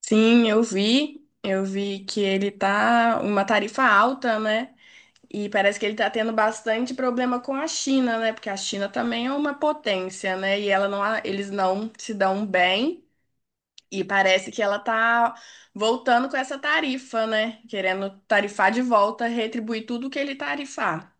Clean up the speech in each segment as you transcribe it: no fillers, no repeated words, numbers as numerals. Sim, eu vi. Eu vi que ele tá uma tarifa alta, né? E parece que ele tá tendo bastante problema com a China, né? Porque a China também é uma potência, né? E ela não, eles não se dão bem. E parece que ela tá voltando com essa tarifa, né? Querendo tarifar de volta, retribuir tudo que ele tarifar.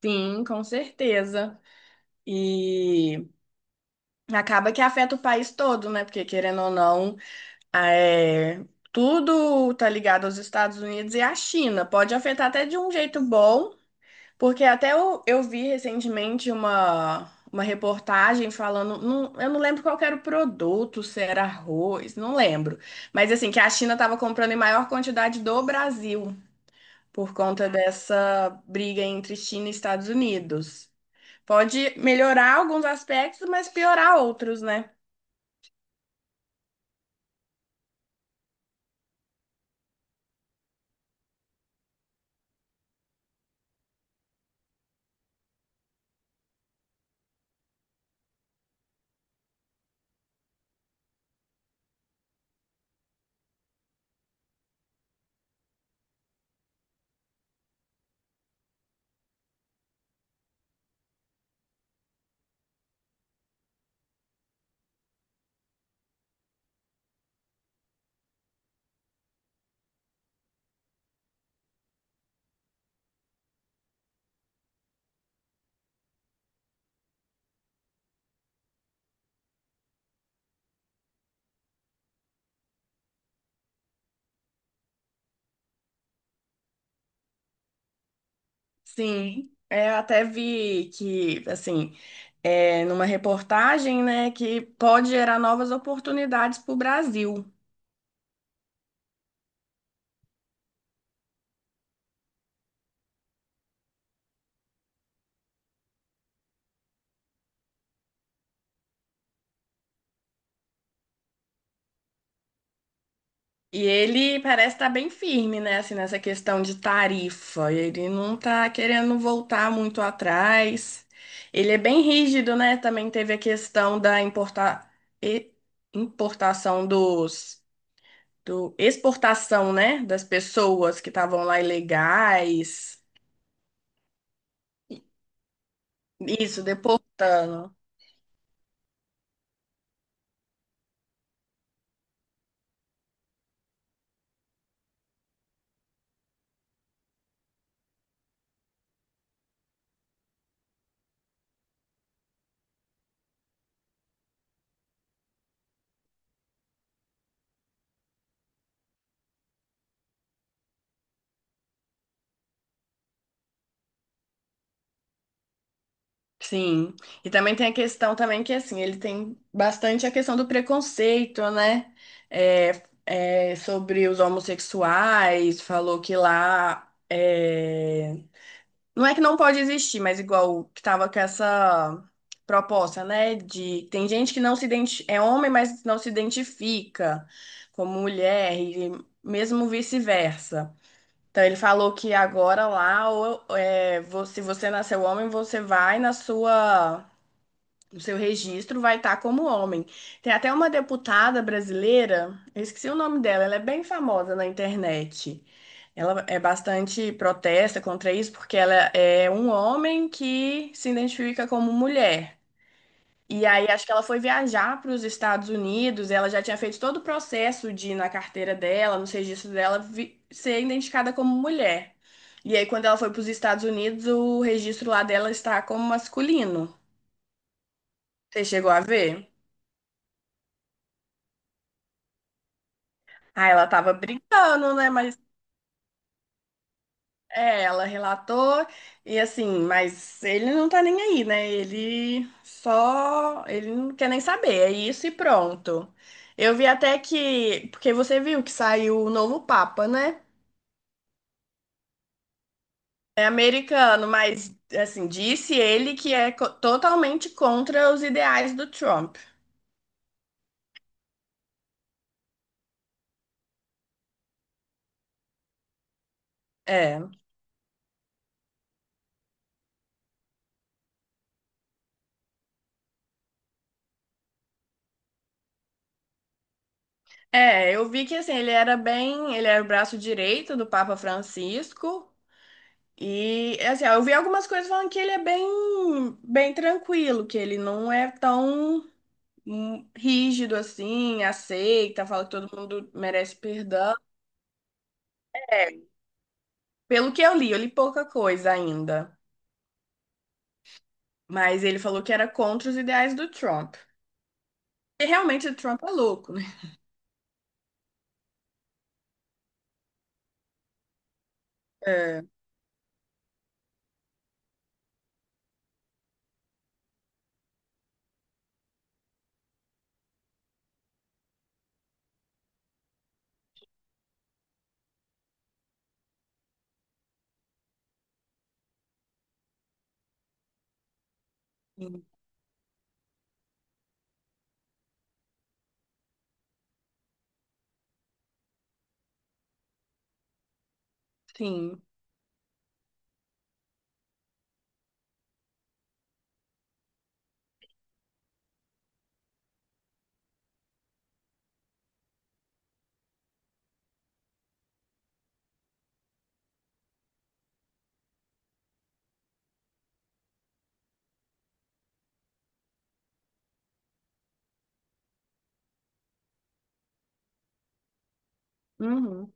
Sim, com certeza. E acaba que afeta o país todo, né? Porque querendo ou não. Ah, é, tudo tá ligado aos Estados Unidos e à China. Pode afetar até de um jeito bom, porque até eu vi recentemente uma reportagem falando, eu não lembro qual que era o produto, se era arroz, não lembro. Mas assim, que a China estava comprando em maior quantidade do Brasil por conta dessa briga entre China e Estados Unidos. Pode melhorar alguns aspectos, mas piorar outros, né? Sim, é, eu até vi que, assim. É, numa reportagem, né, que pode gerar novas oportunidades para o Brasil. E ele parece estar bem firme, né, assim, nessa questão de tarifa. Ele não está querendo voltar muito atrás. Ele é bem rígido, né? Também teve a questão da e- importação do exportação, né, das pessoas que estavam lá ilegais. Isso, deportando. Sim, e também tem a questão também que assim, ele tem bastante a questão do preconceito, né? É, é, sobre os homossexuais, falou que lá não é que não pode existir, mas igual que tava com essa proposta, né? De tem gente que não se identi... é homem, mas não se identifica como mulher, e mesmo vice-versa. Então ele falou que agora lá, se você nasceu homem, você vai na sua o seu registro vai estar como homem. Tem até uma deputada brasileira, eu esqueci o nome dela, ela é bem famosa na internet. Ela é bastante protesta contra isso, porque ela é um homem que se identifica como mulher. E aí acho que ela foi viajar para os Estados Unidos, ela já tinha feito todo o processo de na carteira dela, nos registros dela, ser identificada como mulher. E aí quando ela foi para os Estados Unidos, o registro lá dela está como masculino. Você chegou a ver? Ah, ela tava brincando, né? Mas é, ela relatou e assim, mas ele não tá nem aí, né? Ele só, ele não quer nem saber, é isso e pronto. Eu vi até que, porque você viu que saiu o novo Papa, né? É americano, mas assim, disse ele que é totalmente contra os ideais do Trump. É. É, eu vi que assim, ele era o braço direito do Papa Francisco. E assim, eu vi algumas coisas falando que ele é bem, bem tranquilo, que ele não é tão rígido assim, aceita, fala que todo mundo merece perdão. É, pelo que eu li pouca coisa ainda, mas ele falou que era contra os ideais do Trump. E realmente o Trump é louco, né? É, sim. Sim. Uhum.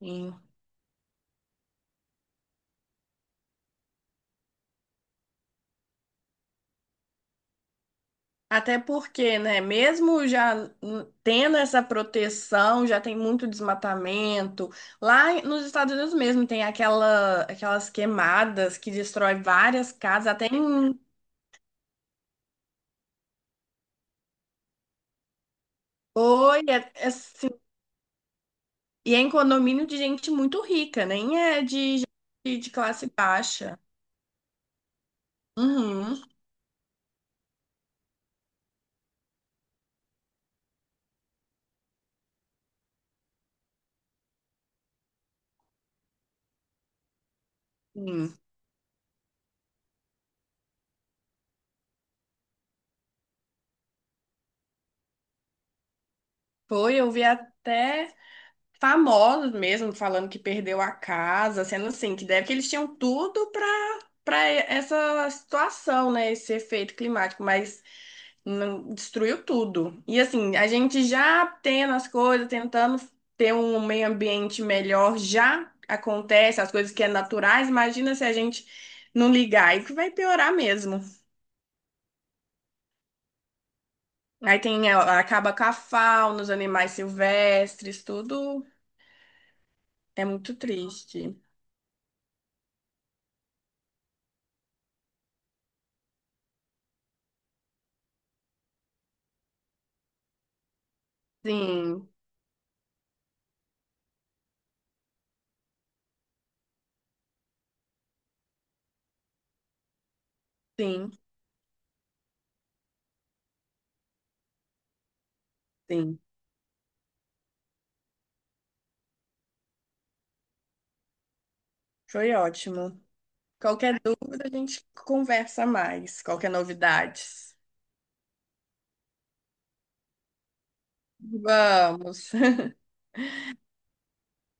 Sim. Até porque, né, mesmo já tendo essa proteção, já tem muito desmatamento. Lá nos Estados Unidos mesmo tem aquelas queimadas que destrói várias casas, até em... Oi, é assim, e é em condomínio de gente muito rica, nem é de gente de classe baixa. Uhum, sim. Foi, eu vi até famosos mesmo, falando que perdeu a casa, sendo assim, que deve que eles tinham tudo para essa situação, né, esse efeito climático, mas destruiu tudo. E assim, a gente já tendo as coisas, tentando ter um meio ambiente melhor, já acontece as coisas que é naturais, imagina se a gente não ligar, aí que vai piorar mesmo. Aí tem, acaba com a fauna, os animais silvestres, tudo é muito triste. Sim, sim. Sim, foi ótimo. Qualquer dúvida, a gente conversa mais. Qualquer novidades. Vamos.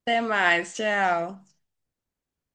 Até mais. Tchau.